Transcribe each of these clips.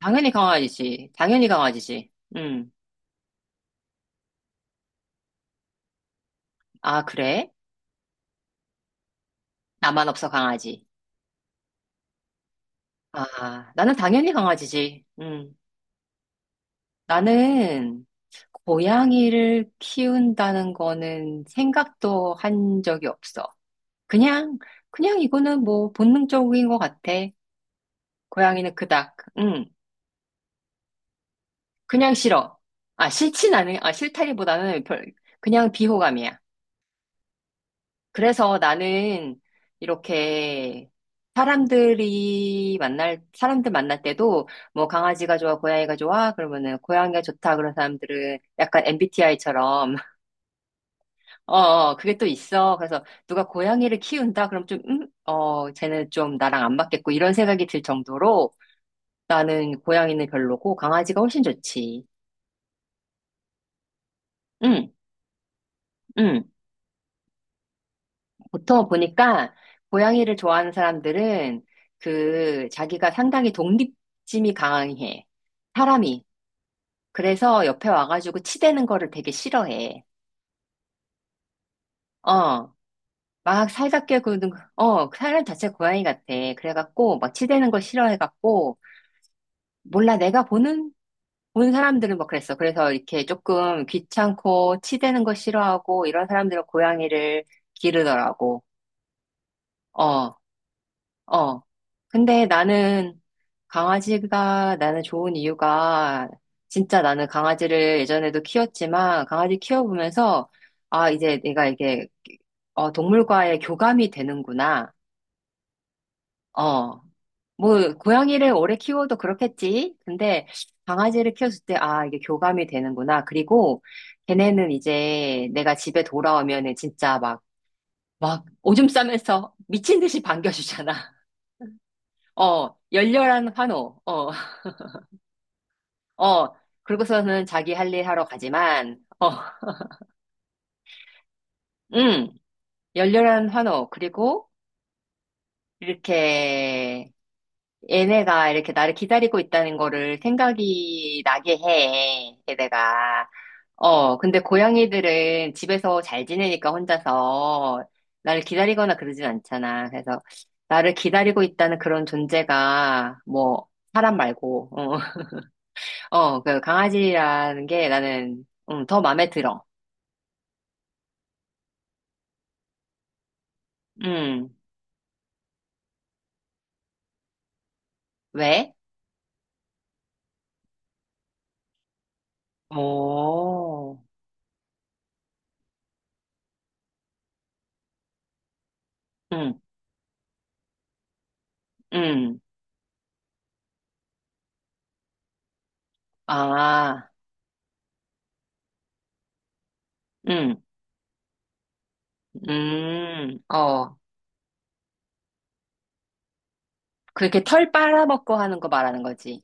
당연히 강아지지. 당연히 강아지지. 음. 아, 그래? 나만 없어 강아지. 아, 나는 당연히 강아지지. 음. 나는 고양이를 키운다는 거는 생각도 한 적이 없어. 그냥, 그냥 이거는 뭐 본능적인 것 같아. 고양이는 그닥, 응, 그냥 싫어. 아, 싫다기보다는 그냥 비호감이야. 그래서 나는 이렇게 사람들 만날 때도 뭐 강아지가 좋아, 고양이가 좋아? 그러면은 고양이가 좋다. 그런 사람들은 약간 MBTI처럼, 어, 어, 그게 또 있어. 그래서 누가 고양이를 키운다? 그럼 좀, 쟤는 좀 나랑 안 맞겠고 이런 생각이 들 정도로 나는 고양이는 별로고 강아지가 훨씬 좋지. 응, 응. 보통 보니까 고양이를 좋아하는 사람들은 그 자기가 상당히 독립심이 강해. 사람이. 그래서 옆에 와가지고 치대는 거를 되게 싫어해. 어. 막 살갑게 구는, 사람 자체가 고양이 같아. 그래갖고 막 치대는 걸 싫어해갖고 몰라 내가 보는 본 사람들은 막 그랬어. 그래서 이렇게 조금 귀찮고 치대는 거 싫어하고 이런 사람들은 고양이를 기르더라고. 어. 어. 근데 나는 강아지가 나는 좋은 이유가 진짜 나는 강아지를 예전에도 키웠지만 강아지 키워보면서 아, 이제 내가 이게 동물과의 교감이 되는구나. 어. 뭐, 고양이를 오래 키워도 그렇겠지. 근데 강아지를 키웠을 때, 아, 이게 교감이 되는구나. 그리고 걔네는 이제 내가 집에 돌아오면은 진짜 막, 오줌 싸면서 미친 듯이 반겨주잖아. 어, 열렬한 환호. 어. 어, 그리고서는 자기 할 일 하러 가지만, 음, 열렬한 환호. 그리고 이렇게 얘네가 이렇게 나를 기다리고 있다는 거를 생각이 나게 해. 얘네가. 어, 근데 고양이들은 집에서 잘 지내니까 혼자서 나를 기다리거나 그러진 않잖아. 그래서 나를 기다리고 있다는 그런 존재가 뭐 사람 말고, 어, 어, 그 강아지라는 게 나는 더 마음에 들어. 음, 왜? 오, 응, 응, 아, 응, 어, 그렇게 털 빨아먹고 하는 거 말하는 거지.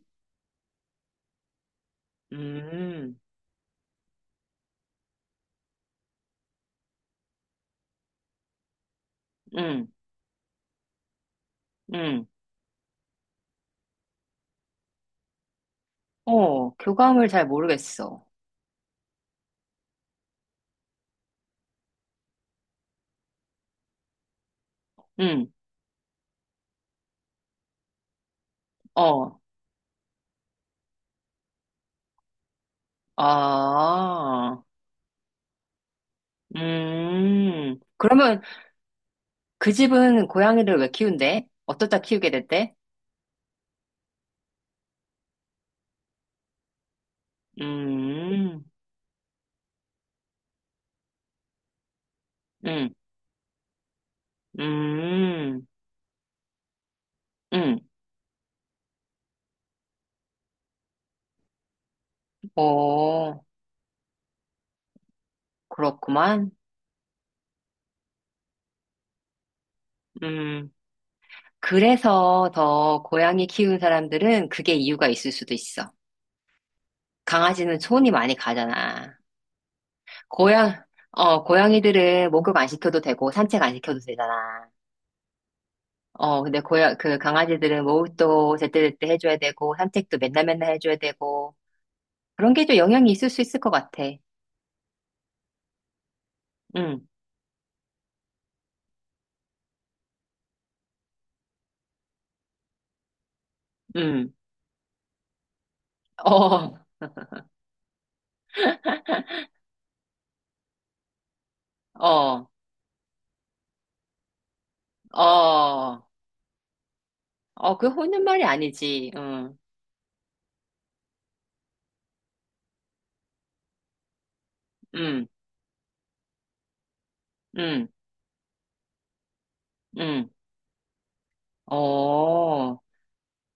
음, 응, 응, 어, 교감을 잘 모르겠어. 응, 어, 아, 그러면 그 집은 고양이를 왜 키운대? 어떻다 키우게 됐대? 음, 응, 음, 응, 어, 그렇구만. 음. 그래서 더 고양이 키우는 사람들은 그게 이유가 있을 수도 있어. 강아지는 손이 많이 가잖아. 고양, 고양이들은 목욕 안 시켜도 되고 산책 안 시켜도 되잖아. 어, 근데 그 강아지들은 목욕도 제때제때 해줘야 되고 산책도 맨날 맨날 해줘야 되고 그런 게 좀 영향이 있을 수 있을 것 같아. 응, 응, 어, 어, 어, 어, 그 혼는 말이 아니지. 응, 응, 응, 응, 어.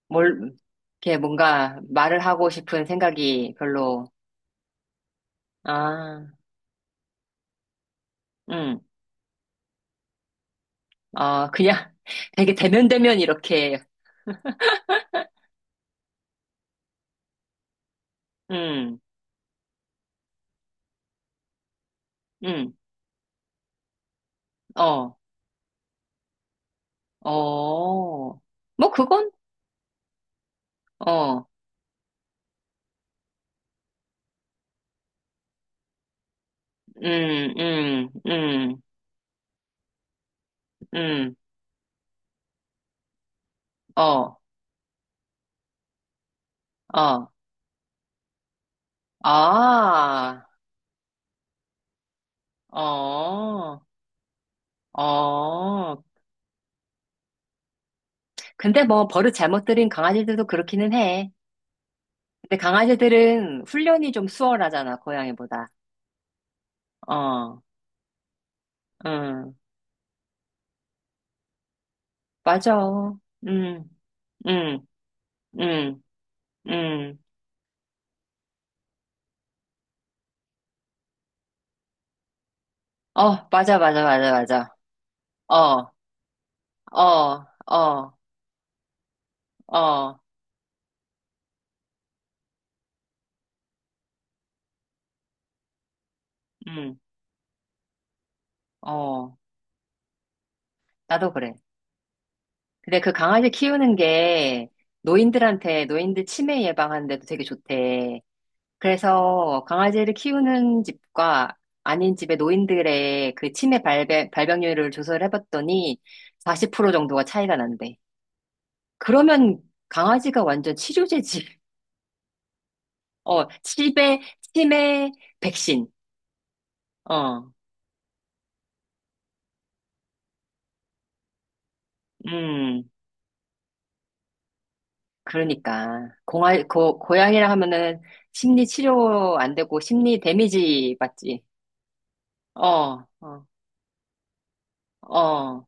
뭘, 이렇게 뭔가 말을 하고 싶은 생각이 별로, 아, 음, 어, 그냥 되게 대면대면 이렇게, 음, 음, 어, 어, 뭐 그건, 어, 음, 음, 음, 음, 어, 어, 아, 어, 어. 근데 뭐 버릇 잘못 들인 강아지들도 그렇기는 해. 근데 강아지들은 훈련이 좀 수월하잖아, 고양이보다. 어, 응. 맞아. 음, 음, 음, 음. 어, 맞아, 맞아, 맞아, 맞아. 어, 어, 어, 어, 음, 어. 나도 그래. 근데 그 강아지 키우는 게 노인들한테, 노인들 치매 예방하는데도 되게 좋대. 그래서 강아지를 키우는 집과 아닌 집의 노인들의 그 치매 발병률을 조사를 해봤더니 40% 정도가 차이가 난대. 그러면 강아지가 완전 치료제지. 어, 치매 백신. 어, 음, 그러니까. 고양이라 하면은 심리 치료 안 되고 심리 데미지 받지. 어, 어, 어,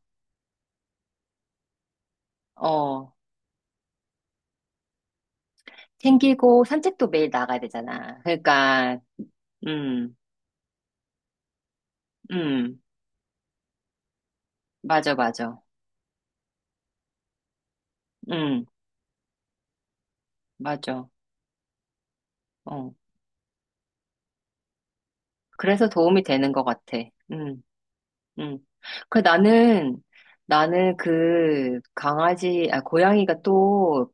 어. 생기고 산책도 매일 나가야 되잖아. 그러니까, 음, 음, 맞아, 맞아. 음, 맞아. 어. 그래서 도움이 되는 것 같아. 음, 음. 그 나는, 나는 그 강아지, 아, 고양이가 또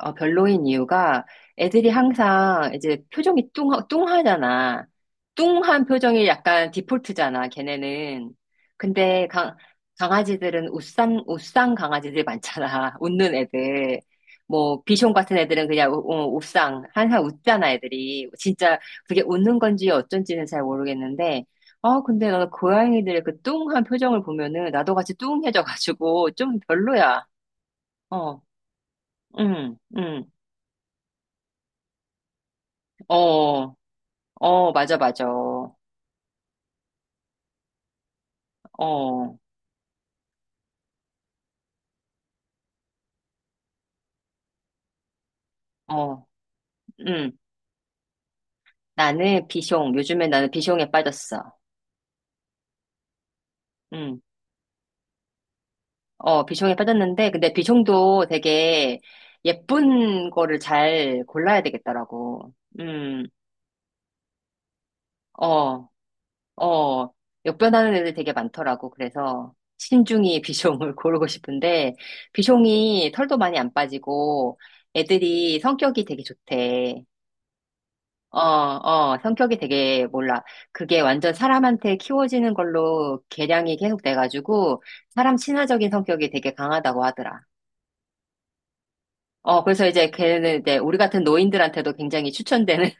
별로인 이유가 애들이 항상 이제 표정이 뚱하잖아. 뚱한 표정이 약간 디폴트잖아, 걔네는. 근데 강아지들은 웃상 강아지들이 많잖아. 웃는 애들. 뭐, 비숑 같은 애들은 그냥 웃상. 항상 웃잖아, 애들이. 진짜 그게 웃는 건지 어쩐지는 잘 모르겠는데. 아, 근데 나 고양이들의 그 뚱한 표정을 보면은 나도 같이 뚱해져가지고 좀 별로야. 어, 응, 응. 어, 어, 맞아, 맞아. 어, 어, 음. 나는 비숑. 요즘에 나는 비숑에 빠졌어. 음. 어, 비숑에 빠졌는데, 근데 비숑도 되게 예쁜 거를 잘 골라야 되겠더라고. 음, 어, 어. 역변하는 애들 되게 많더라고. 그래서 신중히 비숑을 고르고 싶은데, 비숑이 털도 많이 안 빠지고, 애들이 성격이 되게 좋대. 어, 어, 성격이 되게 몰라. 그게 완전 사람한테 키워지는 걸로 개량이 계속 돼가지고 사람 친화적인 성격이 되게 강하다고 하더라. 어, 그래서 이제 걔는 이제 우리 같은 노인들한테도 굉장히 추천되는,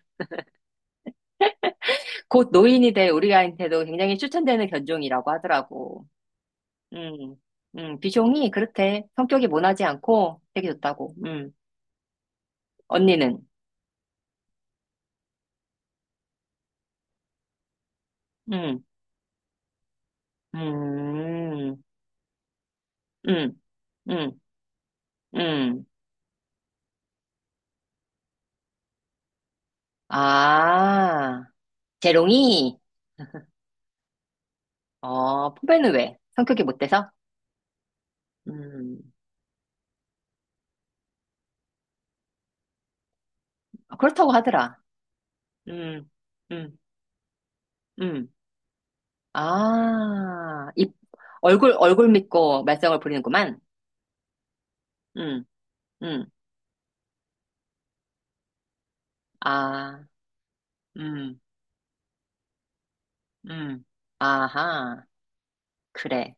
곧 노인이 될 우리한테도 굉장히 추천되는 견종이라고 하더라고. 음, 비숑이 그렇대. 성격이 모나지 않고 되게 좋다고. 언니는? 음, 음, 음, 음, 음. 아, 재롱이? 어, 포배는 왜? 성격이 못 돼서? 음, 그렇다고 하더라. 음, 음, 음. 아, 얼굴 믿고 말썽을 부리는구만. 음, 음. 아, 음, 음. 아하, 그래.